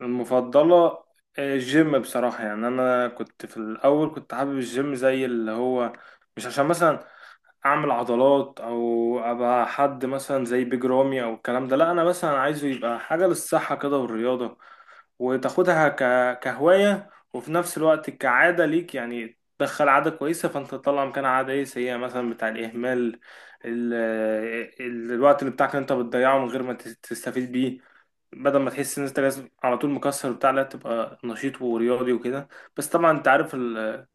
المفضلة؟ الجيم بصراحة. يعني أنا كنت في الأول حابب الجيم زي اللي هو، مش عشان مثلا اعمل عضلات او ابقى حد مثلا زي بيج رامي او الكلام ده، لا انا مثلا عايزه يبقى حاجه للصحه كده، والرياضه وتاخدها كهوايه، وفي نفس الوقت كعاده ليك، يعني تدخل عاده كويسه فانت تطلع مكانها عاده ايه سيئه مثلا بتاع الاهمال، ال... الوقت اللي بتاعك اللي انت بتضيعه من غير ما تستفيد بيه، بدل ما تحس ان انت لازم على طول مكسر بتاع، لا تبقى نشيط ورياضي وكده. بس طبعا انت عارف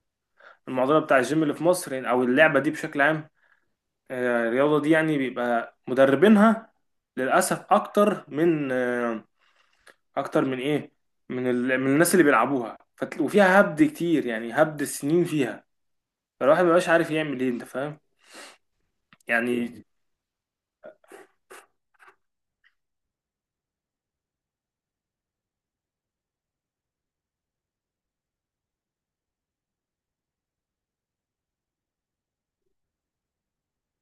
المعضله بتاع الجيم اللي في مصر، يعني او اللعبه دي بشكل عام. الرياضة دي يعني بيبقى مدربينها للأسف أكتر من أكتر من إيه؟ من من الناس اللي بيلعبوها، وفيها هبد كتير، يعني هبد سنين فيها. فالواحد مبقاش عارف يعمل إيه، أنت فاهم؟ يعني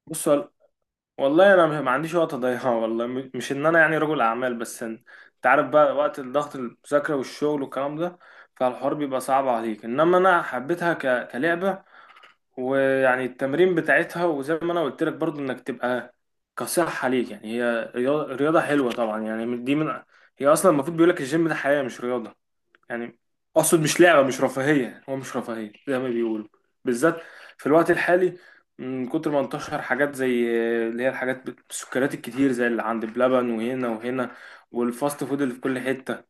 بص والله أنا ما عنديش وقت أضيعه. والله مش إن أنا يعني رجل أعمال، بس أنت عارف بقى وقت الضغط، المذاكرة والشغل والكلام ده. فالحوار بيبقى صعب عليك، إنما أنا حبيتها كلعبة، ويعني التمرين بتاعتها، وزي ما انا قلت لك برضو انك تبقى كصحة ليك. يعني هي رياضة رياضة حلوة طبعا، يعني دي من، هي اصلا المفروض بيقول لك الجيم ده حياة مش رياضة، يعني اقصد مش لعبة، مش رفاهية. هو مش رفاهية زي ما بيقولوا، بالذات في الوقت الحالي، من كتر ما انتشر حاجات زي اللي هي الحاجات السكريات الكتير، زي اللي عند بلبن وهنا وهنا، والفاست فود اللي في كل حتة.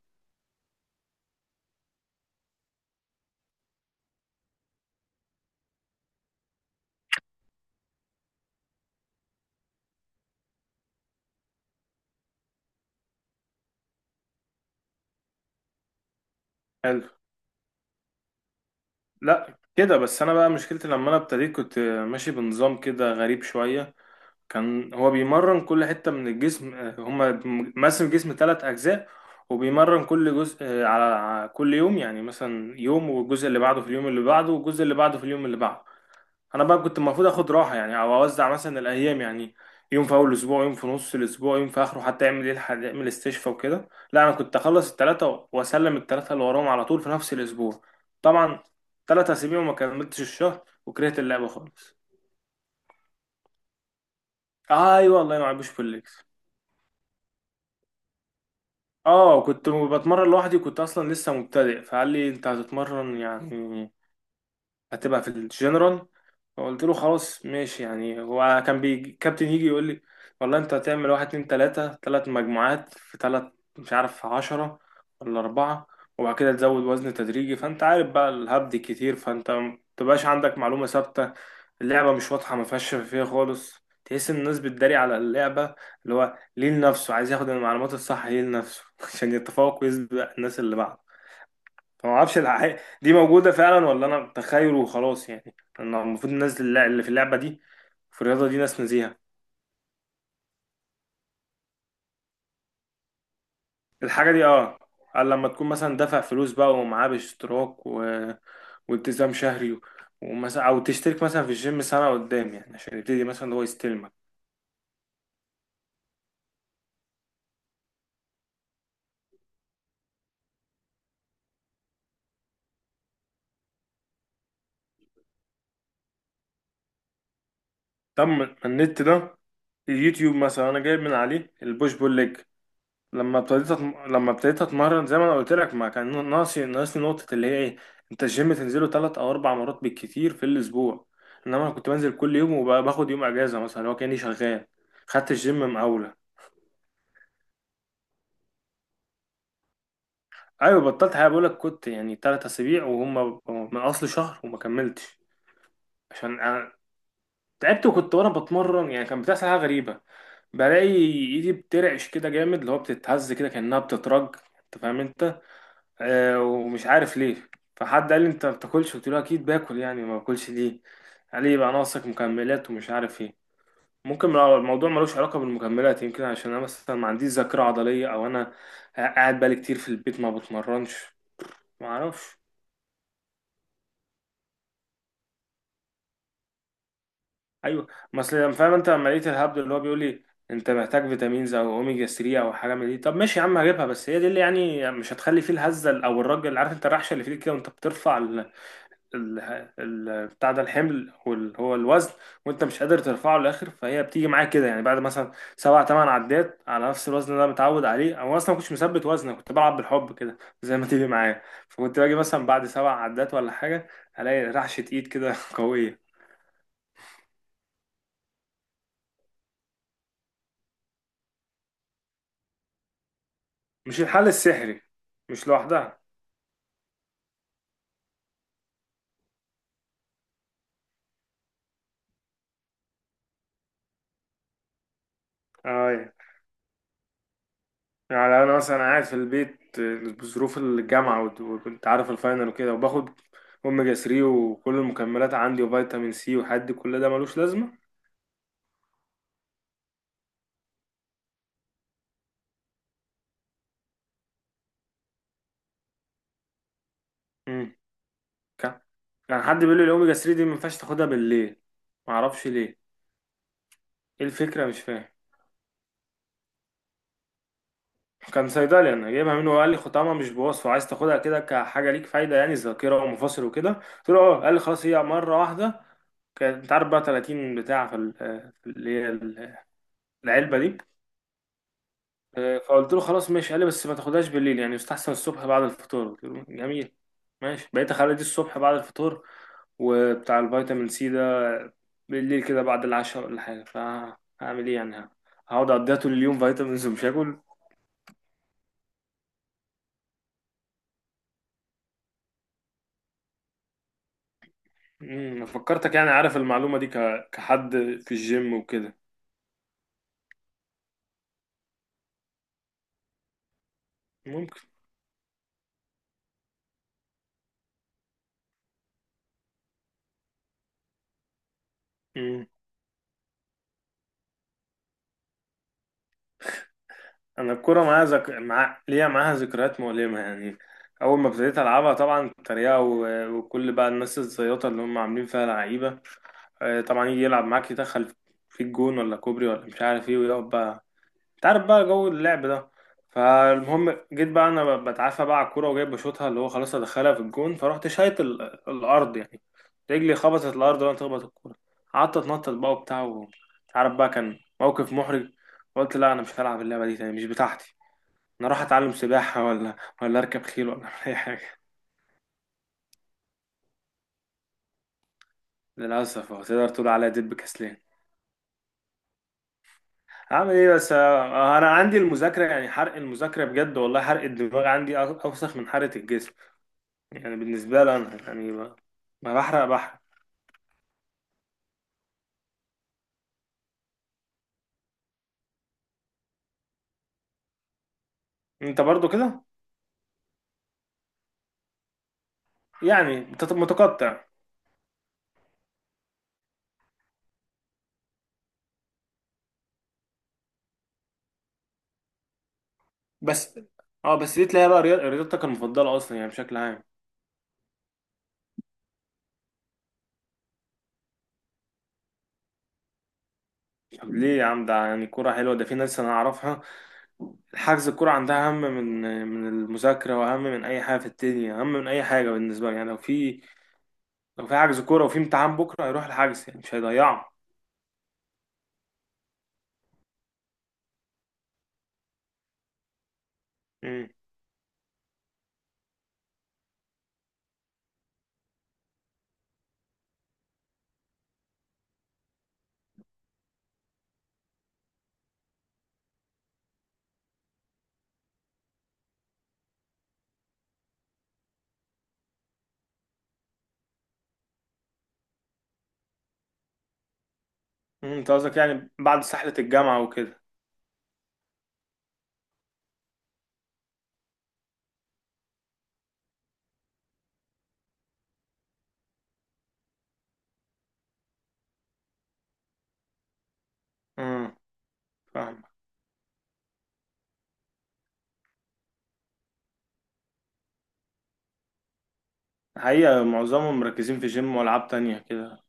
حلو، لا كده. بس انا بقى مشكلتي لما انا ابتديت كنت ماشي بنظام كده غريب شوية. كان هو بيمرن كل حتة من الجسم، هما مقسم الجسم ثلاث أجزاء، وبيمرن كل جزء، على كل يوم، يعني مثلا يوم والجزء اللي بعده في اليوم اللي بعده والجزء اللي بعده في اليوم اللي بعده. أنا بقى كنت المفروض آخد راحة يعني، أو أوزع مثلا الأيام، يعني يوم في أول الأسبوع، يوم في نص الأسبوع، يوم في آخره، حتى يعمل إيه، يعمل استشفاء وكده. لا أنا كنت أخلص التلاتة وأسلم التلاتة اللي وراهم على طول في نفس الأسبوع. طبعا تلات أسابيع وما كملتش الشهر وكرهت اللعبة خالص. أيوة والله ما عجبش في الليكس. اه كنت بتمرن لوحدي، كنت اصلا لسه مبتدئ، فقال لي انت هتتمرن يعني هتبقى في الجنرال. فقلت له خلاص ماشي. يعني هو كان بيجي كابتن يجي يقول لي والله انت هتعمل واحد اتنين تلاتة، تلات مجموعات في تلات، مش عارف عشرة ولا أربعة، وبعد كده تزود وزن تدريجي. فانت عارف بقى الهبد كتير، فانت متبقاش عندك معلومة ثابتة. اللعبة مش واضحة، ما فيهاش شفافية خالص. تحس إن الناس بتداري على اللعبة، اللي هو ليه لنفسه، عايز ياخد المعلومات الصح ليه لنفسه عشان يتفوق ويسبق الناس اللي بعده. فما أعرفش الحقيقة دي موجودة فعلا ولا أنا بتخيل وخلاص. يعني أنا المفروض الناس اللي في اللعبة دي، في الرياضة دي، ناس نزيهة. الحاجة دي اه، قال لما تكون مثلا دافع فلوس بقى ومعاه باشتراك والتزام شهري، ومثلا أو تشترك مثلا في الجيم سنة قدام، يعني عشان يبتدي مثلا هو يستلمك. طب ما النت ده، اليوتيوب مثلا انا جايب من عليه البوش بول ليج. لما لما ابتديت اتمرن زي ما انا قلت لك، ما كان ناقصني نقطه اللي هي ايه، انت الجيم تنزله ثلاث او اربع مرات بالكتير في الاسبوع، انما انا كنت بنزل كل يوم وباخد يوم اجازه مثلا، اللي هو كاني شغال، خدت الجيم مقاوله. ايوه بطلت. حاجه بقول لك، كنت يعني ثلاث اسابيع وهم من اصل شهر وما كملتش. عشان أنا تعبت، وكنت وانا بتمرن يعني كان بتحصل حاجه غريبه. بلاقي ايدي بترعش كده جامد، اللي هو بتتهز كده كانها بتترج، انت فاهم انت، ومش عارف ليه. فحد قال لي انت ما بتاكلش، قلت له اكيد باكل يعني ما باكلش ليه. قال لي يبقى ناقصك مكملات ومش عارف ايه. ممكن لو الموضوع ملوش علاقه بالمكملات، يمكن عشان انا مثلا ما عنديش ذاكره عضليه، او انا قاعد بقالي كتير في البيت ما بتمرنش، ما اعرفش. ايوه، ما اصل فاهم انت، لما لقيت الهبد اللي هو بيقول لي انت محتاج فيتامينز او اوميجا 3 او حاجه من دي، طب ماشي يا عم هجيبها، بس هي دي اللي يعني مش هتخلي فيه الهزه، او الراجل عارف انت الرحشه اللي فيك كده وانت بترفع ال- بتاع ده الحمل واللي هو الوزن، وانت مش قادر ترفعه للاخر، فهي بتيجي معاك كده، يعني بعد مثلا سبع تمن عدات على نفس الوزن اللي انا متعود عليه، او اصلا ما كنتش مثبت وزن. أنا كنت بلعب بالحب كده، زي ما تيجي معايا. فكنت باجي مثلا بعد سبع عدات ولا حاجه، الاقي رعشه ايد كده قويه. مش الحل السحري، مش لوحدها. اه، يعني انا مثلا قاعد في البيت بظروف الجامعه وكنت عارف الفاينل وكده، وباخد اوميجا 3 وكل المكملات عندي وفيتامين سي وحد كل ده ملوش لازمه. امم، كان كان حد بيقول لي الاوميجا 3 دي ما ينفعش تاخدها بالليل، ما اعرفش ليه، ايه الفكره مش فاهم. كان صيدلي انا جايبها منه، وقال لي ختامها مش بوصفه، عايز تاخدها كده كحاجه ليك فايده يعني، ذاكره ومفاصل وكده. قلت له اه، قال لي خلاص هي مره واحده، كانت انت عارف بقى 30 بتاع في في اللي هي العلبه دي. فقلت له خلاص ماشي. قال لي بس ما تاخدهاش بالليل، يعني يستحسن الصبح بعد الفطور. قلت له جميل ماشي. بقيت اخلي دي الصبح بعد الفطور، وبتاع الفيتامين سي ده بالليل كده بعد العشاء ولا حاجه. فهعمل ايه يعني، هقعد اقضيها طول اليوم فيتامينز ومش هاكل. امم، فكرتك يعني عارف المعلومه دي كحد في الجيم وكده، ممكن. انا الكوره معايا ليا معاها ذكريات مؤلمه يعني. اول ما ابتديت العبها طبعا التريقه وكل بقى الناس الزياطه اللي هم عاملين فيها لعيبه، طبعا يجي يلعب معاك يدخل في الجون ولا كوبري ولا مش عارف ايه، ويقعد بقى، انت عارف بقى جو اللعب ده. فالمهم جيت بقى انا بتعافى بقى على الكوره وجاي بشوطها، اللي هو خلاص ادخلها في الجون، فرحت شايط الارض يعني، رجلي خبطت الارض وانا تخبط الكوره، قعدت اتنطط بقى وبتاع ومش عارف بقى، كان موقف محرج. قلت لا انا مش هلعب اللعبه دي تاني، مش بتاعتي. انا راح اتعلم سباحه ولا ولا اركب خيل ولا اعمل اي حاجه. للاسف تقدر تقول عليا دب كسلان. اعمل ايه بس، انا عندي المذاكره يعني، حرق المذاكره بجد والله حرق الدماغ عندي اوسخ من حرق الجسم. يعني بالنسبة لي أنا يعني، ما بحرق بحرق. أنت برضو كده، يعني أنت متقطع. بس أه بس دي تلاقيها بقى رياضتك المفضلة أصلا، يعني بشكل عام. طب ليه يا عم، ده يعني كورة حلوة. ده في ناس أنا أعرفها حجز الكورة عندها أهم من من المذاكرة وأهم من أي حاجة في الدنيا، أهم من أي حاجة بالنسبة لي. يعني لو في، لو في حجز كورة وفي امتحان بكرة، هيروح الحجز يعني مش هيضيعه. أمم. أمم، أنت قصدك يعني بعد سحلة الجامعة وكده. أمم، فاهم. الحقيقة معظمهم مركزين في جيم وألعاب تانية كده.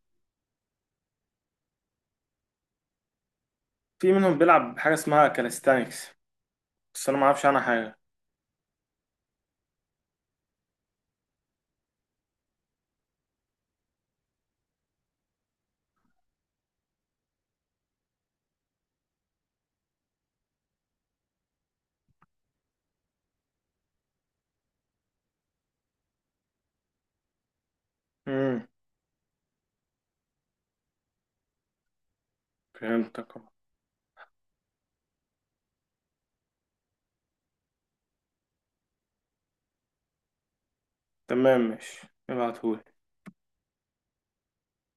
في منهم بيلعب بحاجة اسمها كاليستانكس، بس أنا ما أعرفش عنها حاجة. امم، فهمتك. تمام ماشي ابعتهولي.